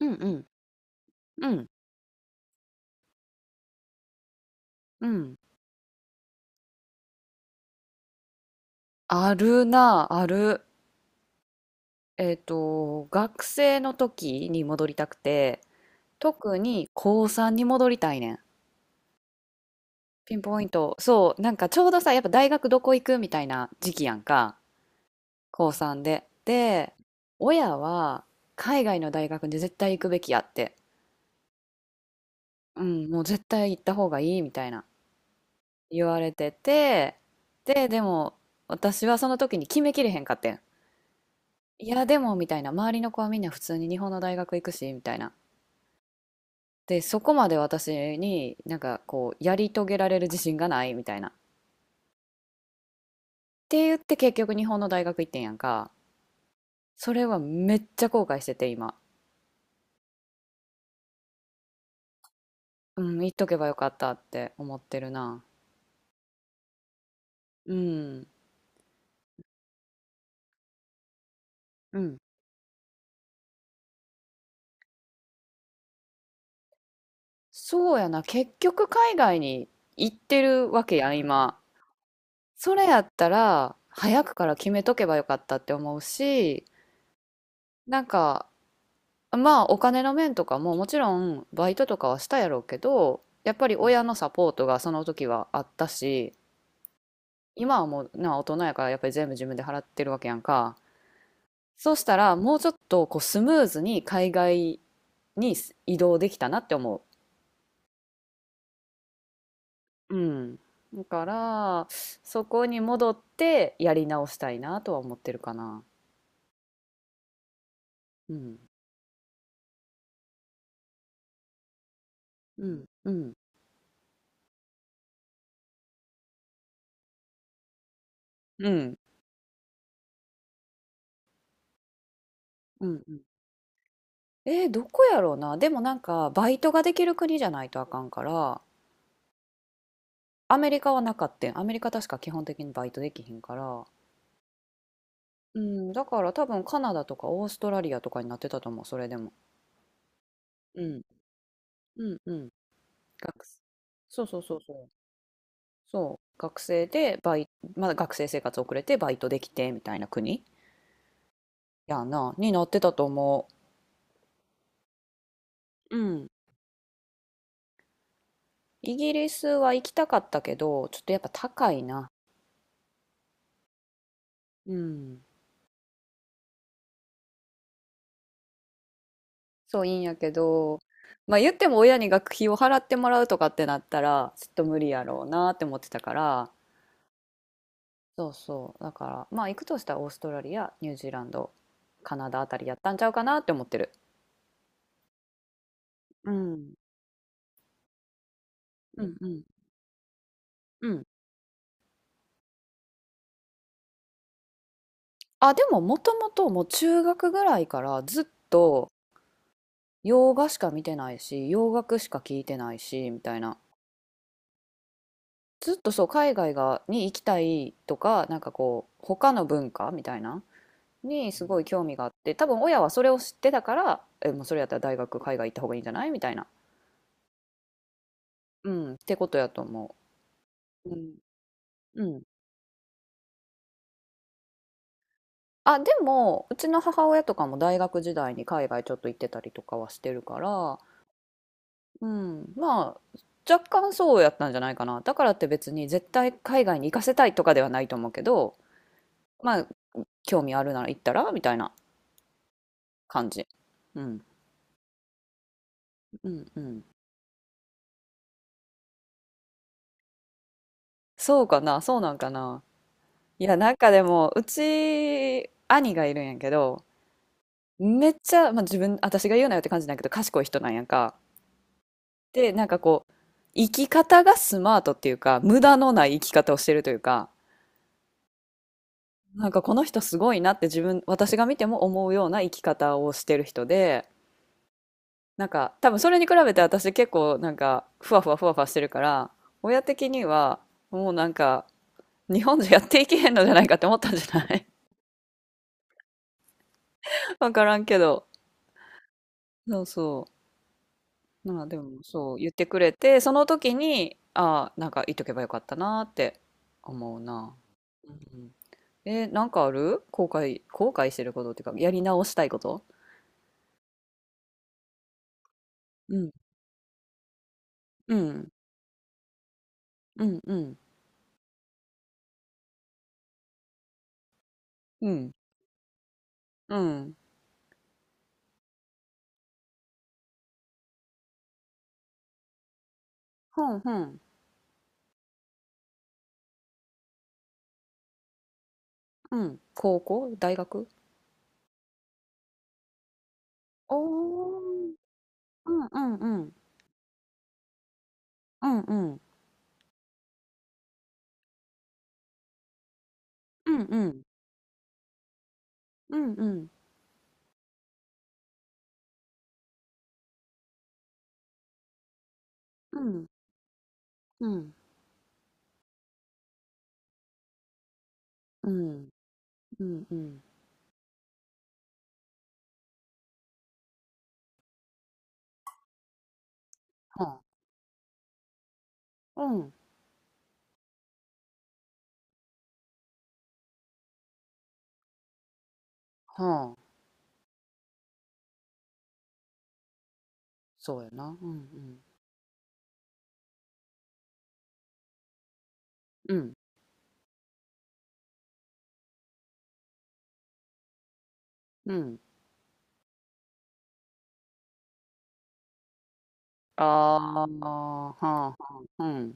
うんうんうんうん。あるなある。学生の時に戻りたくて、特に高3に戻りたいねん。ピンポイント、そう、なんかちょうどさ、やっぱ大学どこ行くみたいな時期やんか。高3で親は海外の大学に絶対行くべきやって、うん、もう絶対行った方がいいみたいな言われてて、で、でも私はその時に決めきれへんかってん。いや、でも、みたいな、周りの子はみんな普通に日本の大学行くし、みたいな。で、そこまで私になんかこう、やり遂げられる自信がない、みたいな。って言って結局日本の大学行ってんやんか。それはめっちゃ後悔してて、今。うん、行っとけばよかったって思ってるな。うん、うん。そうやな、結局海外に行ってるわけやん、今。それやったら、早くから決めとけばよかったって思うし、なんか、まあお金の面とかももちろんバイトとかはしたやろうけど、やっぱり親のサポートがその時はあったし、今はもうな、大人やからやっぱり全部自分で払ってるわけやんか。そうしたらもうちょっとこうスムーズに海外に移動できたなって思う。うん、だから、そこに戻ってやり直したいなとは思ってるかな。うんうんうんうん。うん、うん。どこやろうな、でも、なんかバイトができる国じゃないとあかんから。アメリカはなかったん、アメリカ確か基本的にバイトできひんから。うん、だから多分カナダとかオーストラリアとかになってたと思う、それでも。うん、うん、うん。学生、そうそうそうそう。そう、学生でバイ、まだ学生生活遅れてバイトできてみたいな国やな、になってたと思う。うん。イギリスは行きたかったけど、ちょっとやっぱ高いな。うん。そういいんやけど、まあ言っても親に学費を払ってもらうとかってなったら、ちょっと無理やろうなって思ってたから。そうそう。だから、まあ行くとしたらオーストラリア、ニュージーランド、カナダあたりやったんちゃうかなって思ってる。うん。うんうん。うん。あ、でも、もともともう中学ぐらいからずっと洋画しか見てないし、洋楽しか聞いてないし、みたいな。ずっとそう、海外がに行きたいとか、なんかこう、他の文化みたいなにすごい興味があって、多分親はそれを知ってたから、もうそれやったら大学海外行った方がいいんじゃないみたいな、うん、ってことやと思う。うん、あ、でも、うちの母親とかも大学時代に海外ちょっと行ってたりとかはしてるから、うん、まあ、若干そうやったんじゃないかな。だからって別に絶対海外に行かせたいとかではないと思うけど、まあ、興味あるなら行ったらみたいな感じ。うん、うん、うん。そうかな、そうなんかな。いや、なんかでも、うち、兄がいるんやけど、めっちゃ、まあ自分、私が言うなよって感じなんやけど、賢い人なんやんか。で、なんかこう、生き方がスマートっていうか、無駄のない生き方をしてるというか、なんかこの人すごいなって自分、私が見ても思うような生き方をしてる人で、なんか多分それに比べて私結構なんかふわふわふわふわしてるから、親的にはもうなんか日本じゃやっていけへんのじゃないかって思ったんじゃない。 わからんけど。そうそう。まあでもそう言ってくれて、その時に、ああ、なんか言っとけばよかったなって思うな。うん。なんかある後悔、後悔してることっていうか、やり直したいこと。うん。うん。うん。うん。うん。うん。ふんふん。うん。高校大学、おー。うんうんうん。うんうん。うんうん。うんうん。うんうん。うん。うんうん。はあ。うん。はあ。そうやな。うんうん。うん。うん。ああ、はあはあ。うん。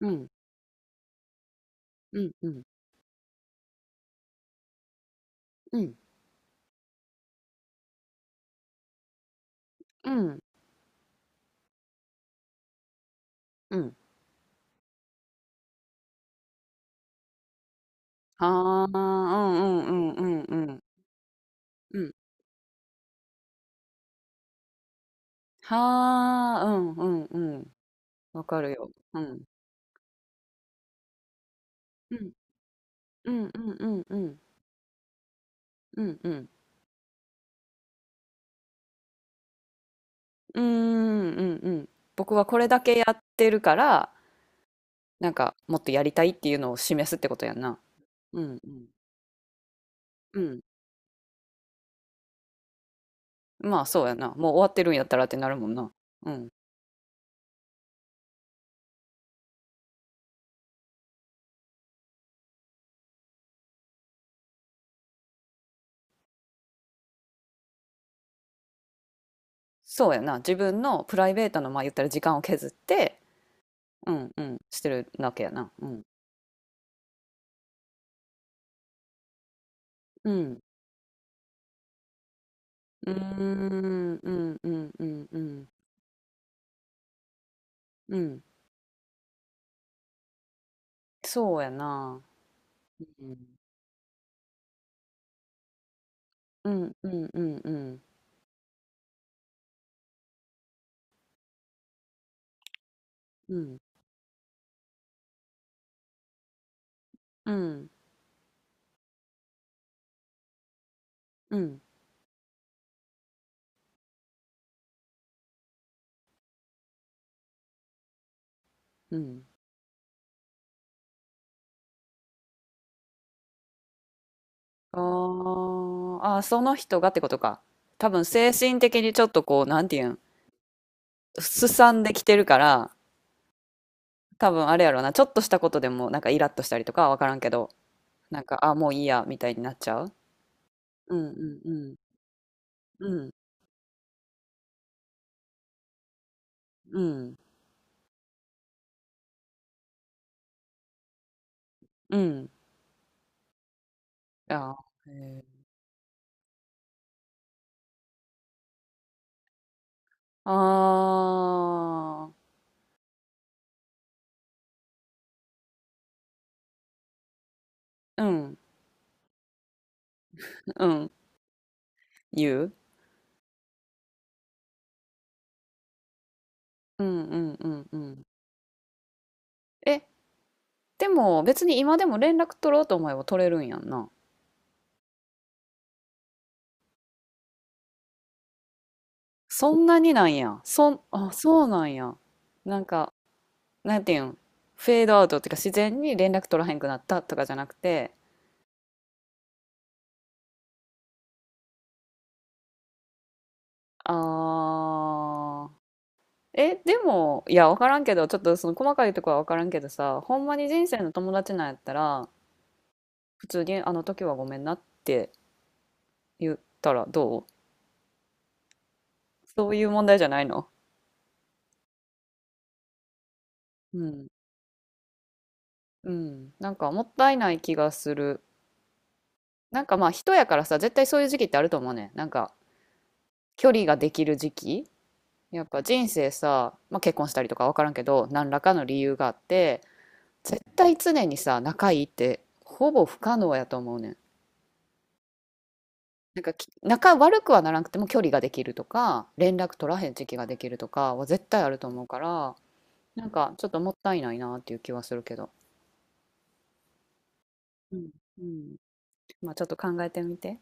うん。うんうん。うん。うん。うん。はあ、うんうんうんうんうん。うん。はあ、うんうんうん。わかるよ。うん。うん。うんうんうんうん。うんうん。うんうんうん。僕はこれだけやってるから、なんかもっとやりたいっていうのを示すってことやんな。うんうん。うん。まあそうやな。もう終わってるんやったらってなるもんな。うん。そうやな。自分のプライベートの、まあ言ったら時間を削って、うんうん、してるわけやな。うん。うん。うーん、うん、うん、うん、うん。うん、そうやな。うん。うんうんうんうんうんうんうんうん、ああー、あー、その人がってことか。多分精神的にちょっとこう、なんていうん、すさんできてるから、多分あれやろうな、ちょっとしたことでもなんかイラッとしたりとかはわからんけど、なんか、あ、もういいや、みたいになっちゃう。うんうんうん。うんうんうん。あー、へーあー、うんうん。言う。うんうんうんうん。えでも別に今でも連絡取ろうと思えば取れるんやんな。そんなになんや。あ、そうなんや。なんか、なんていうん、フェードアウトっていうか自然に連絡取らへんくなったとかじゃなくて、あー、え、でも、いや、わからんけど、ちょっとその細かいとこはわからんけどさ、ほんまに人生の友達なんやったら、普通にあの時はごめんなって言ったらどう、そういう問題じゃないの。うん。うん。なんかもったいない気がする。なんかまあ人やからさ、絶対そういう時期ってあると思うね、なんか距離ができる時期。やっぱ人生さ、まあ、結婚したりとか分からんけど、何らかの理由があって、絶対常にさ、仲いいってほぼ不可能やと思うねん。なんか、仲悪くはならなくても距離ができるとか、連絡取らへん時期ができるとかは絶対あると思うから、なんかちょっともったいないなっていう気はするけど。うん、うん。まあちょっと考えてみて。